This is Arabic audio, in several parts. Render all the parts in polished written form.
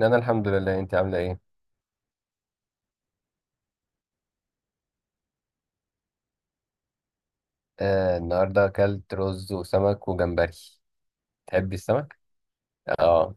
انا الحمد لله. انت عامله ايه؟ آه، النهارده اكلت رز وسمك وجمبري. تحبي السمك؟ اه.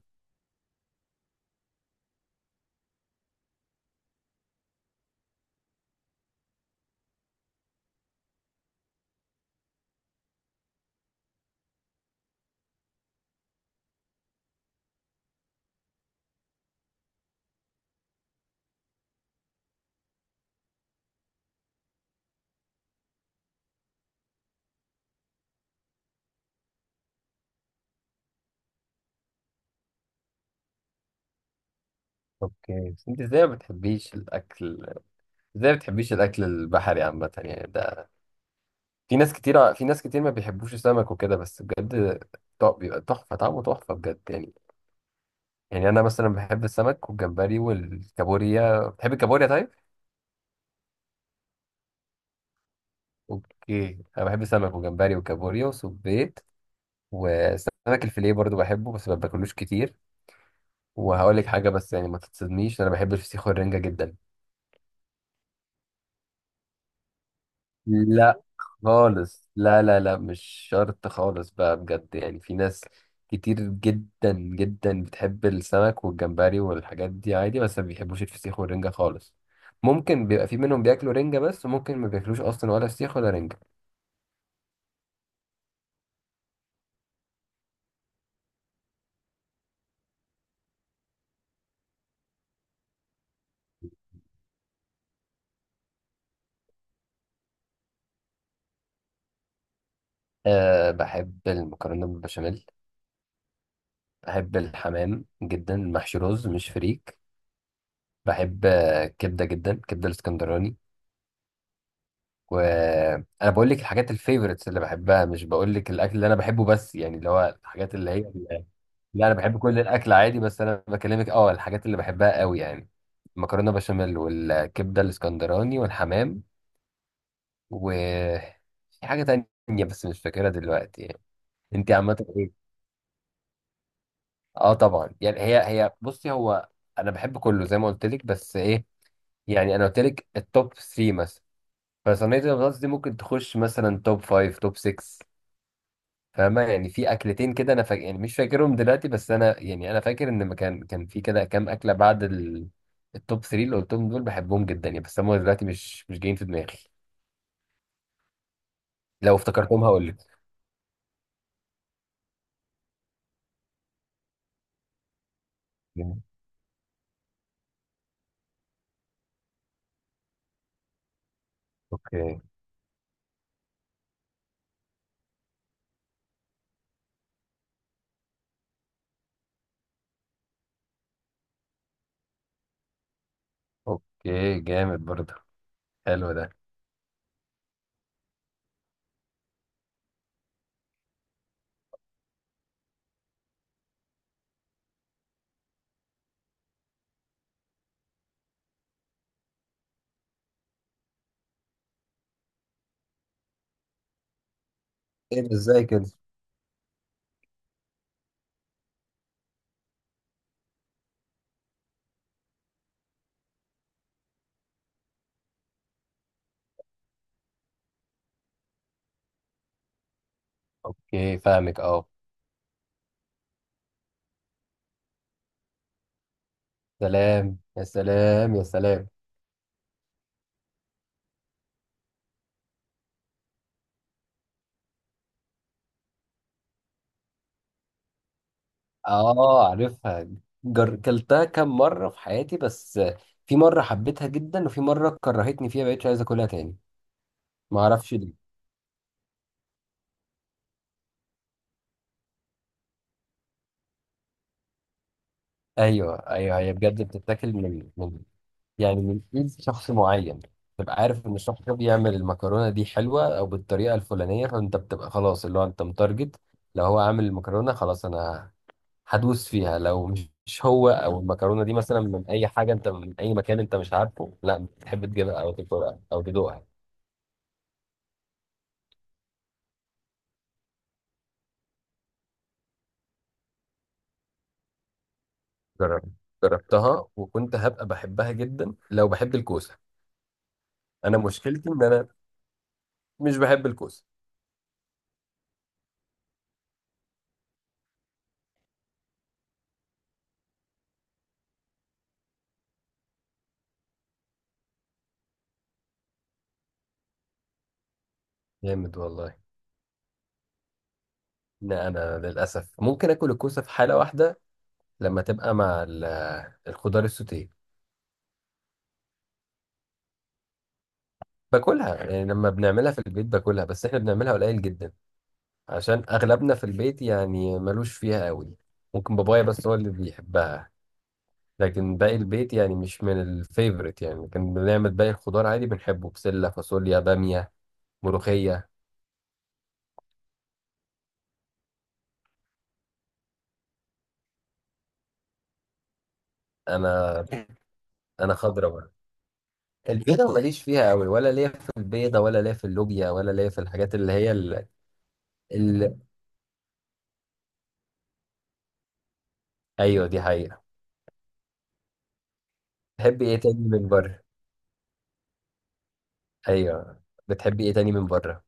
اوكي، بس انت ازاي ما بتحبيش الاكل؟ ازاي ما بتحبيش الاكل البحري عامه، يعني ده في ناس كتير ما بيحبوش السمك وكده، بس بجد بيبقى تحفه، طعمه تحفه بجد يعني انا مثلا بحب السمك والجمبري والكابوريا. بتحبي الكابوريا؟ طيب. اوكي، انا بحب السمك وجمبري وكابوريا وسبيط، وسمك الفيليه برضو بحبه، بس ما باكلوش كتير. وهقول لك حاجه، بس يعني ما تتصدميش، انا بحب الفسيخ والرنجه جدا. لا، خالص. لا، لا، لا، مش شرط خالص بقى، بجد يعني. في ناس كتير جدا جدا بتحب السمك والجمبري والحاجات دي عادي، بس ما بيحبوش الفسيخ والرنجة خالص. ممكن بيبقى في منهم بياكلوا رنجة بس، وممكن ما بياكلوش اصلا ولا فسيخ ولا رنجة. أه، بحب المكرونة بالبشاميل. بحب الحمام جدا، محشي رز مش فريك. بحب كبدة جدا، كبدة الاسكندراني. وانا بقول لك الحاجات الفيفوريتس اللي بحبها، مش بقول لك الاكل اللي انا بحبه بس، يعني اللي هو الحاجات اللي هي. لا، انا بحب كل الاكل عادي، بس انا بكلمك الحاجات اللي بحبها قوي يعني. المكرونه بشاميل والكبده الاسكندراني والحمام، و في حاجه تانية بس مش فاكرها دلوقتي يعني. انت عامه ايه؟ اه طبعا، يعني هي بصي. هو انا بحب كله زي ما قلت لك، بس ايه، يعني انا قلت لك التوب 3 مثلا، فصينيه البطاطس دي ممكن تخش مثلا توب 5 توب 6. فاهمة؟ يعني في أكلتين كده أنا فاكر، يعني مش فاكرهم دلوقتي، بس أنا يعني أنا فاكر إن ما كان في كده كام أكلة بعد ال... التوب 3 اللي قلتهم دول بحبهم جدا يعني، بس هم دلوقتي مش جايين في دماغي. لو افتكرتهم هقول لك. جامد. أوكي. أوكي، جامد برضه. حلو ده. ايه ده، ازاي كده؟ اوكي، فاهمك، اه. سلام يا سلام يا سلام. اه، عارفها. كلتها كام مرة في حياتي بس. في مرة حبيتها جدا، وفي مرة كرهتني فيها بقيتش عايز اكلها تاني. ما اعرفش. ايوه، ايوه، هي بجد بتتاكل من يعني من ايد شخص معين. تبقى عارف ان الشخص ده بيعمل المكرونه دي حلوه او بالطريقه الفلانيه، فانت بتبقى خلاص اللي هو انت متارجت. لو هو عامل المكرونه خلاص انا هدوس فيها، لو مش هو، او المكرونه دي مثلا من اي حاجه، انت من اي مكان انت مش عارفه، لا بتحب تجيبها او تاكلها او تدوقها. جرب- جربتها، وكنت هبقى بحبها جدا لو بحب الكوسه. انا مشكلتي ان انا مش بحب الكوسه. جامد والله. لا، انا للاسف ممكن اكل الكوسه في حاله واحده، لما تبقى مع الخضار السوتيه. باكلها يعني لما بنعملها في البيت باكلها، بس احنا بنعملها قليل جدا عشان اغلبنا في البيت يعني ملوش فيها قوي. ممكن بابايا بس هو اللي بيحبها، لكن باقي البيت يعني مش من الفيفوريت. يعني كان بنعمل باقي الخضار عادي بنحبه، بسله فاصوليا باميه ملوخيه. انا انا خضرا بقى، البيضه ماليش فيها قوي، ولا ليا في البيضه، ولا ليا في اللوبيا، ولا ليا في الحاجات اللي هي. ايوه، دي حقيقة. تحبي ايه تاني من بره؟ ايوه. بتحبي ايه تاني من بره؟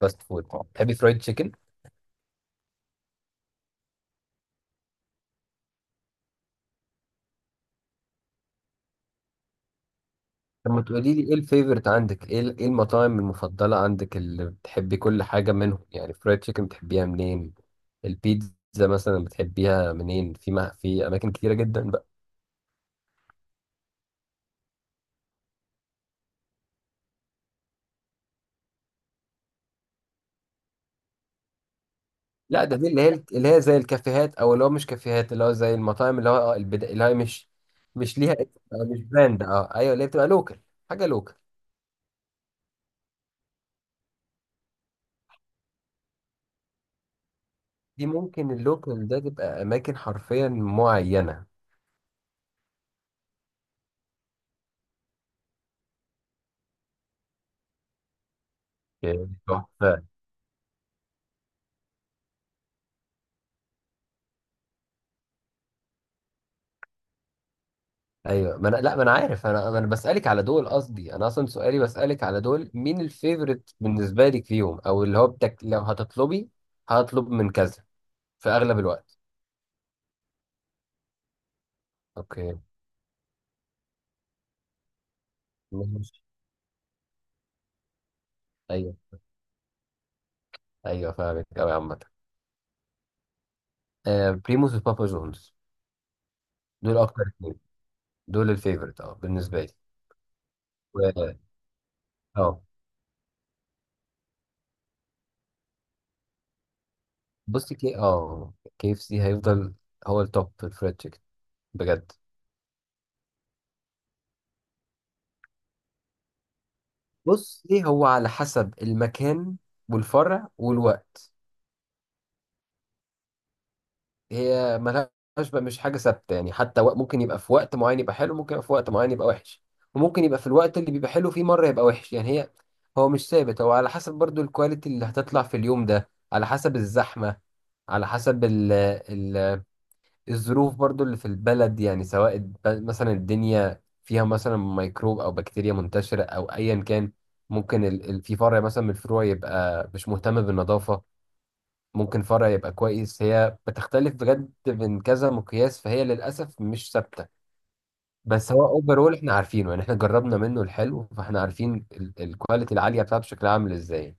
فاست فود؟ تحبي فرايد تشيكن؟ طب ما تقولي لي، ايه الفيفورت عندك، ايه ايه المطاعم المفضلة عندك اللي بتحبي كل حاجة منهم، يعني فرايد تشيكن بتحبيها منين؟ البيتزا مثلا بتحبيها منين؟ في، ما في اماكن كتيرة جدا بقى. لا، ده دي اللي هي زي الكافيهات، او اللي هو مش كافيهات، اللي هو زي المطاعم، اللي هو البدا، اللي هي مش ليها اسم، مش براند. اه ايوه، اللي هي بتبقى لوكال، حاجة لوكال. دي ممكن اللوكال ده تبقى اماكن حرفيا معينه. يعني تحفه. ايوه، ما انا، لا، ما انا عارف، انا بسالك على دول. قصدي انا اصلا سؤالي بسالك على دول مين الفيفوريت بالنسبه لك فيهم، او اللي هو لو هتطلبي هطلب من كذا في اغلب الوقت. اوكي، ماشي. ايوه، ايوه، فاهمك قوي عامه. آه، بريموس وبابا جونز دول اكتر اتنين، دول الفيفوريت اه بالنسبه لي. و... اه، بصي، كي اف سي هيفضل هو التوب في الفريد تشيكن، بجد. بص، ايه هو على حسب المكان والفرع والوقت. هي ملهاش بقى، مش حاجة ثابتة يعني. حتى ممكن يبقى في وقت معين يبقى حلو، ممكن يبقى في وقت معين يبقى وحش. وممكن يبقى في الوقت اللي بيبقى حلو فيه مرة يبقى وحش. يعني هي، هو مش ثابت، هو على حسب برضو الكواليتي اللي هتطلع في اليوم ده، على حسب الزحمة، على حسب ال ال الظروف برضو اللي في البلد. يعني سواء مثلا الدنيا فيها مثلا ميكروب او بكتيريا منتشرة او ايا كان. ممكن في فرع مثلا من الفروع يبقى مش مهتم بالنظافة، ممكن فرع يبقى كويس. هي بتختلف بجد من كذا مقياس، فهي للأسف مش ثابتة. بس هو اوفرول احنا عارفينه يعني، احنا جربنا منه الحلو، فاحنا عارفين الكواليتي العالية بتاعته شكلها عامل ازاي.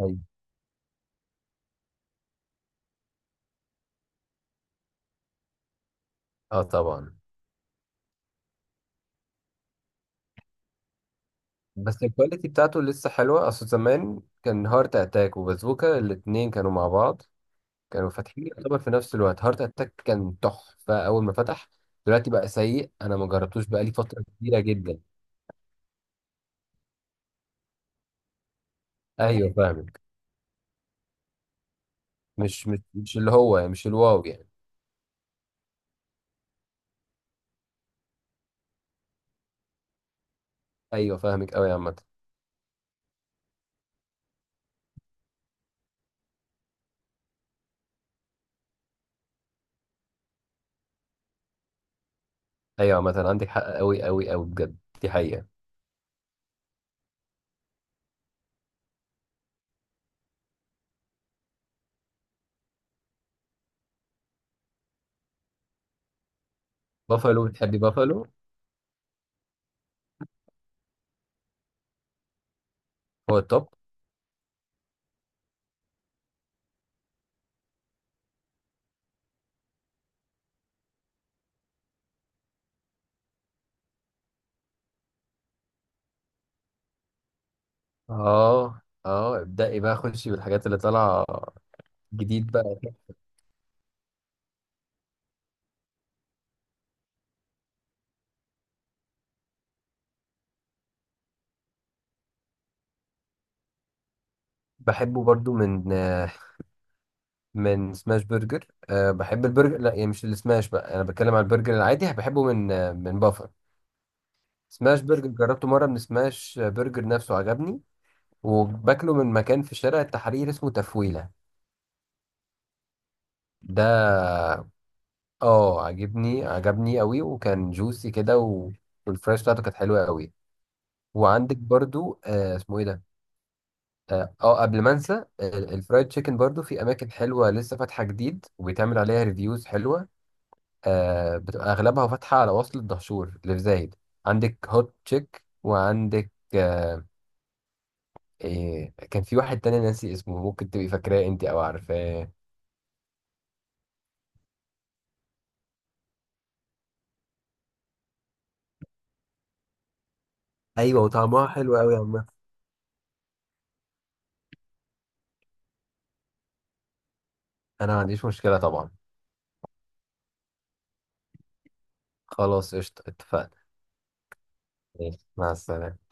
أيوة. اه طبعا. بس الكواليتي بتاعته لسه حلوة. اصل زمان كان هارت اتاك وبازوكا الاتنين كانوا مع بعض، كانوا فاتحين يعتبر في نفس الوقت. هارت اتاك كان تحفة اول ما فتح، دلوقتي بقى سيء. انا ما جربتوش بقالي فترة كبيرة جدا. ايوه، فاهمك. مش اللي هو يعني، مش الواو يعني. ايوه فاهمك قوي يا عامه. ايوه عامه، عندك حق قوي قوي قوي بجد، دي حقيقه. بافالو؟ بتحبي بافالو؟ هو التوب. اه، اه، ابدأي بقى، خشي بالحاجات اللي طالعه جديد بقى. بحبه برضو من من سماش برجر. أه، بحب البرجر، لا يعني مش السماش بقى، انا بتكلم على البرجر العادي، بحبه من من بافر. سماش برجر جربته مره من سماش برجر نفسه، عجبني. وباكله من مكان في شارع التحرير اسمه تفويله ده. اه، عجبني، عجبني قوي، وكان جوسي كده. و... والفراش بتاعته كانت حلوه قوي. وعندك برضو اسمه ايه ده، قبل ما انسى، الفرايد تشيكن برضو في اماكن حلوه لسه فاتحه جديد وبيتعمل عليها ريفيوز حلوه. آه، بتبقى اغلبها فاتحه على وصل الدهشور اللي في زايد. عندك هوت تشيك، وعندك إيه، كان في واحد تاني ناسي اسمه، ممكن تبقي فاكراه انت او عارفاه؟ ايوه، وطعمها حلو قوي يا عم. انا ما عنديش مشكله طبعا. خلاص قشطه، اتفقنا. ماشي، مع السلامه.